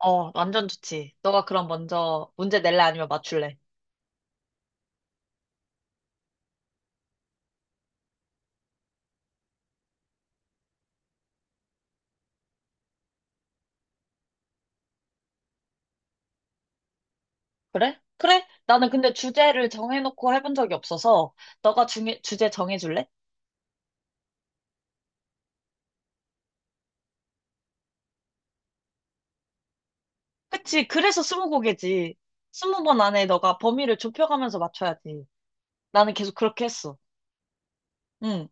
어, 완전 좋지. 너가 그럼 먼저 문제 낼래 아니면 맞출래? 그래? 그래? 나는 근데 주제를 정해놓고 해본 적이 없어서 주제 정해줄래? 그치. 그래서 스무고개지. 20번 안에 너가 범위를 좁혀가면서 맞춰야지. 나는 계속 그렇게 했어. 응.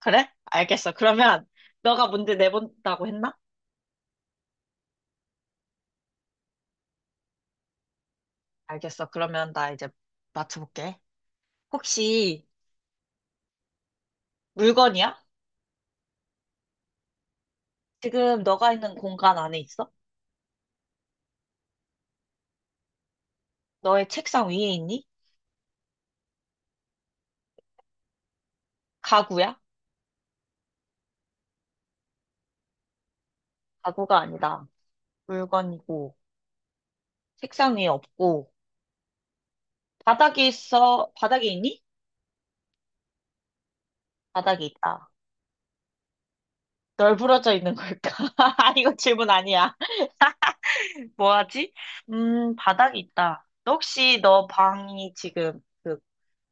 그래? 알겠어. 그러면 너가 문제 내본다고 했나? 알겠어. 그러면 나 이제 맞춰볼게. 혹시 물건이야? 지금 너가 있는 공간 안에 있어? 너의 책상 위에 있니? 가구야? 가구가 아니다. 물건이고, 책상 위에 없고, 바닥에 있니? 바닥에 있다. 널브러져 있는 걸까? 아, 이거 질문 아니야. 뭐 하지? 바닥에 있다. 너 혹시 너 방이 지금 그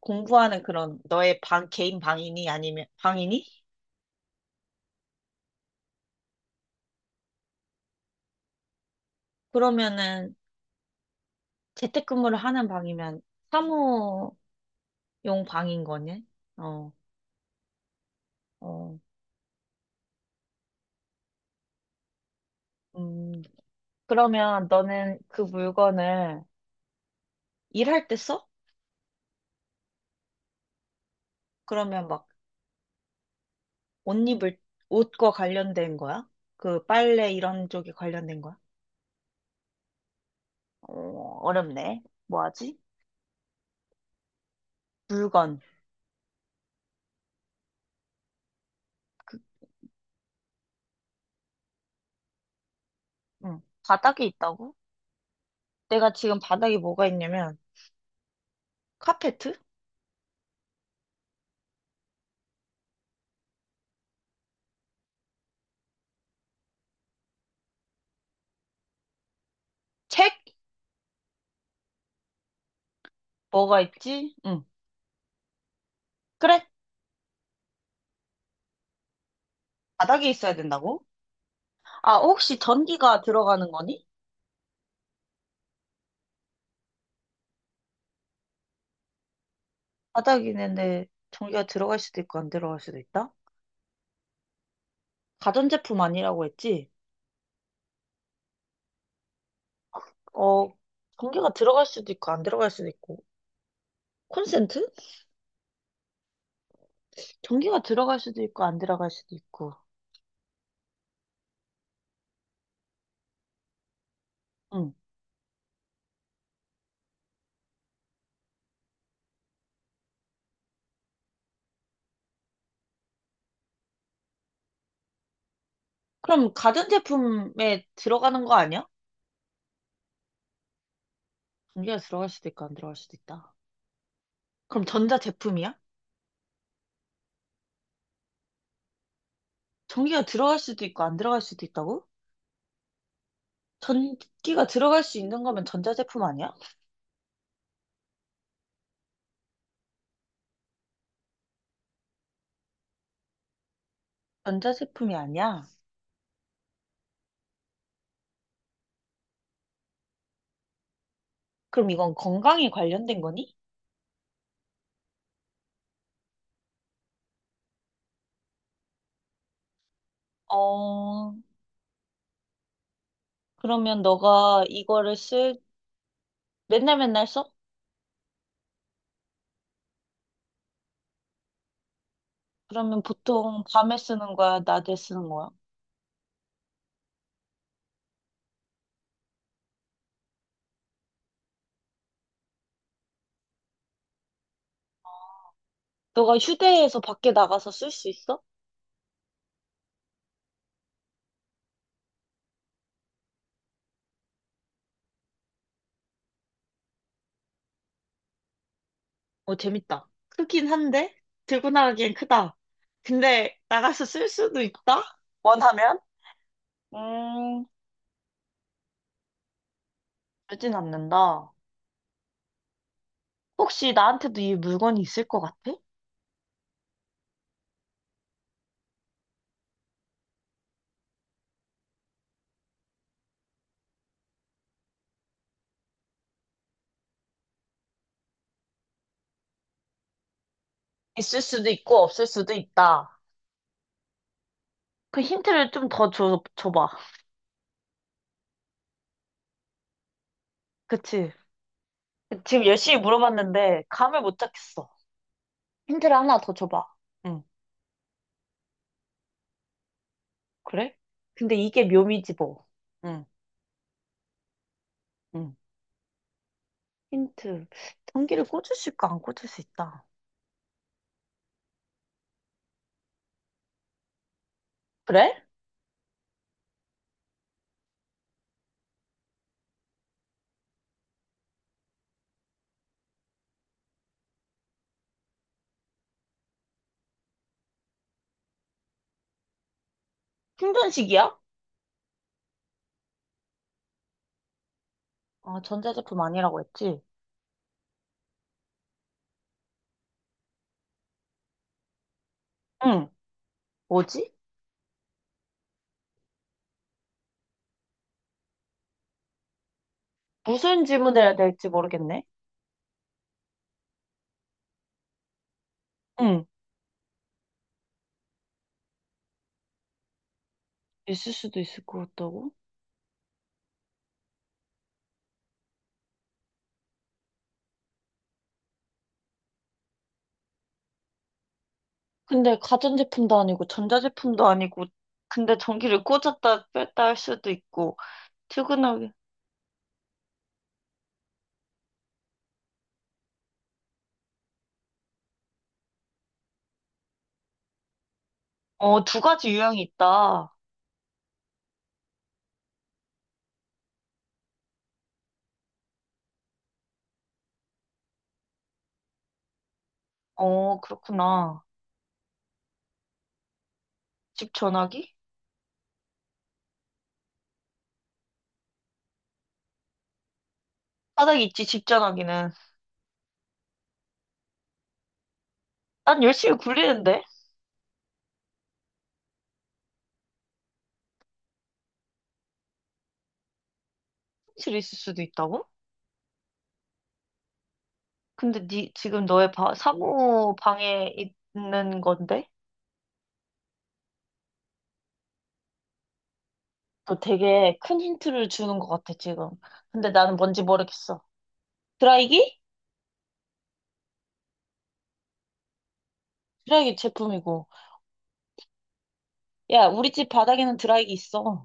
공부하는 그런 너의 방, 개인 방이니? 아니면 방이니? 그러면은 재택근무를 하는 방이면 사무용 방인 거네? 어, 어, 음. 그러면 너는 그 물건을 일할 때 써? 그러면 막 옷 입을, 옷과 관련된 거야? 그 빨래 이런 쪽에 관련된 거야? 어, 어렵네. 뭐하지? 물건. 그, 응. 바닥에 있다고? 내가 지금 바닥에 뭐가 있냐면, 카페트? 책? 뭐가 있지? 응. 그래. 바닥에 있어야 된다고? 아, 혹시 전기가 들어가는 거니? 바닥에 있는데 전기가 들어갈 수도 있고 안 들어갈 수도 있다? 가전제품 아니라고 했지? 어, 전기가 들어갈 수도 있고 안 들어갈 수도 있고. 콘센트? 전기가 들어갈 수도 있고 안 들어갈 수도 있고. 응. 그럼 가전 제품에 들어가는 거 아니야? 전기가 들어갈 수도 있고 안 들어갈 수도 있다. 그럼 전자 제품이야? 전기가 들어갈 수도 있고 안 들어갈 수도 있다고? 전기가 들어갈 수 있는 거면 전자 제품 아니야? 전자 제품이 아니야? 그럼 이건 건강에 관련된 거니? 어, 그러면 너가 맨날 맨날 써? 그러면 보통 밤에 쓰는 거야? 낮에 쓰는 거야? 너가 휴대해서 밖에 나가서 쓸 수 있어? 어, 재밌다. 크긴 한데, 들고 나가기엔 크다. 근데 나가서 쓸 수도 있다? 원하면? 음, 그러진 않는다. 혹시 나한테도 이 물건이 있을 것 같아? 있을 수도 있고, 없을 수도 있다. 그 힌트를 좀 더 줘봐. 그치? 지금 열심히 물어봤는데, 감을 못 잡겠어. 힌트를 하나 더 줘봐. 응. 그래? 근데 이게 묘미지 뭐. 응, 응. 힌트. 전기를 꽂을 수 있고, 안 꽂을 수 있다. 그래? 충전식이야? 아, 전자제품 아니라고 했지? 응. 뭐지? 무슨 질문을 해야 될지 모르겠네. 응. 있을 수도 있을 것 같다고? 근데 가전제품도 아니고 전자제품도 아니고 근데 전기를 꽂았다 뺐다 할 수도 있고 퇴근하기 어, 두 가지 유형이 있다. 어, 그렇구나. 집 전화기? 바닥에 있지, 집 전화기는. 난 열심히 굴리는데? 사실 있을 수도 있다고? 근데 니 지금 사무 방에 있는 건데? 너 되게 큰 힌트를 주는 것 같아, 지금. 근데 나는 뭔지 모르겠어. 드라이기? 드라이기 제품이고. 야, 우리 집 바닥에는 드라이기 있어.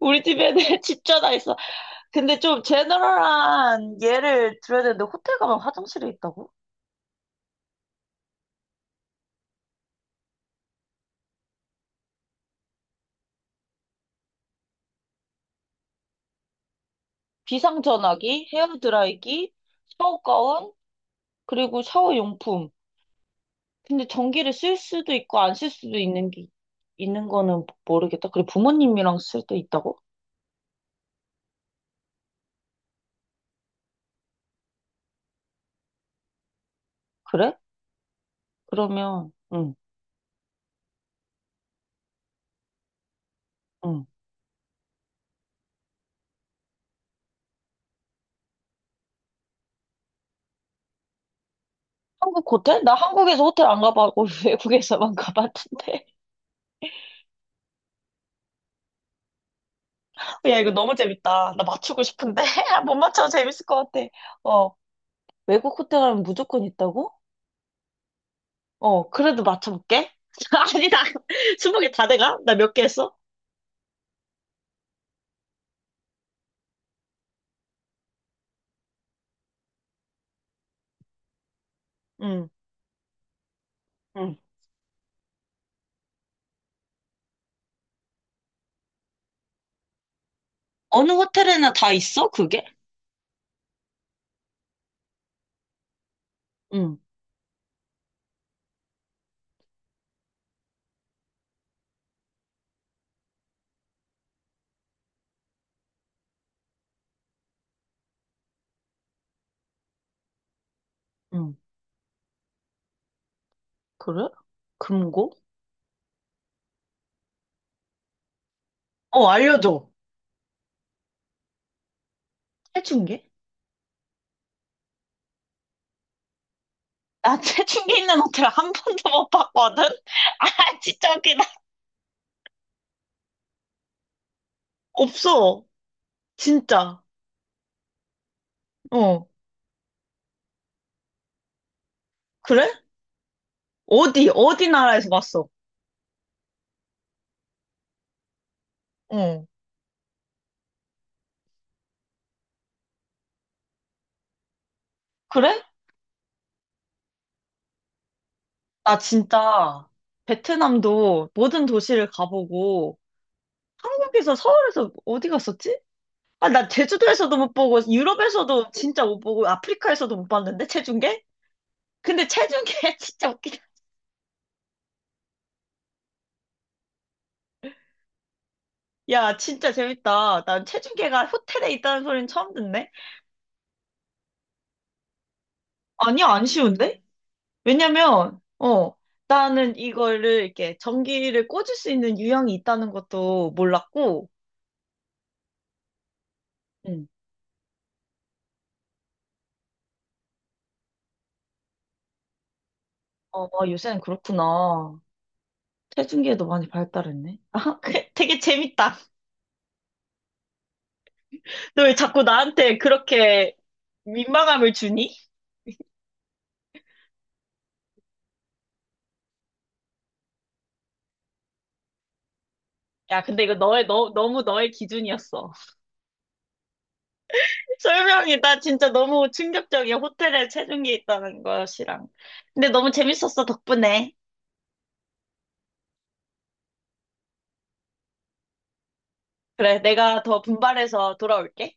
우리 집에는 집전화 있어. 근데 좀 제너럴한 예를 들어야 되는데, 호텔 가면 화장실에 있다고? 비상전화기, 헤어드라이기, 샤워가운, 그리고 샤워용품. 근데 전기를 쓸 수도 있고, 안 쓸 수도 있는 게, 있는 거는 모르겠다. 그래, 부모님이랑 쓸 때 있다고? 그래? 그러면, 응, 응. 한국 호텔? 나 한국에서 호텔 안 가봐고 외국에서만 가봤는데. 야, 이거 너무 재밌다. 나 맞추고 싶은데. 못 맞춰. 재밌을 것 같아. 어, 외국 호텔 가면 무조건 있다고? 어, 그래도 맞춰볼게. 아니다. 20개 다 돼가? 나 몇 개 했어? 응, 응. 어느 호텔에나 다 있어, 그게? 응, 응. 그래? 금고? 어, 알려줘. 태충계? 나 태충계 있는 호텔 1번도 못 봤거든? 아, 진짜 웃기다. 없어. 진짜. 어. 그래? 어디 나라에서 봤어? 어. 그래? 나 진짜 베트남도 모든 도시를 가보고 한국에서 서울에서 어디 갔었지? 아, 나 제주도에서도 못 보고 유럽에서도 진짜 못 보고 아프리카에서도 못 봤는데 체중계? 근데 체중계 진짜 웃기다. 야, 진짜 재밌다. 난 체중계가 호텔에 있다는 소리는 처음 듣네. 아니야, 안 쉬운데? 왜냐면 어, 나는 이거를 이렇게 전기를 꽂을 수 있는 유형이 있다는 것도 몰랐고 어, 요새는 그렇구나. 체중계도 많이 발달했네. 아, 그- 되게 재밌다. 너 왜 자꾸 나한테 그렇게 민망함을 주니? 야, 근데 이거 너무 너의 기준이었어. 설명이, 나 진짜 너무 충격적이야. 호텔에 체중계 있다는 것이랑. 근데 너무 재밌었어, 덕분에. 그래, 내가 더 분발해서 돌아올게.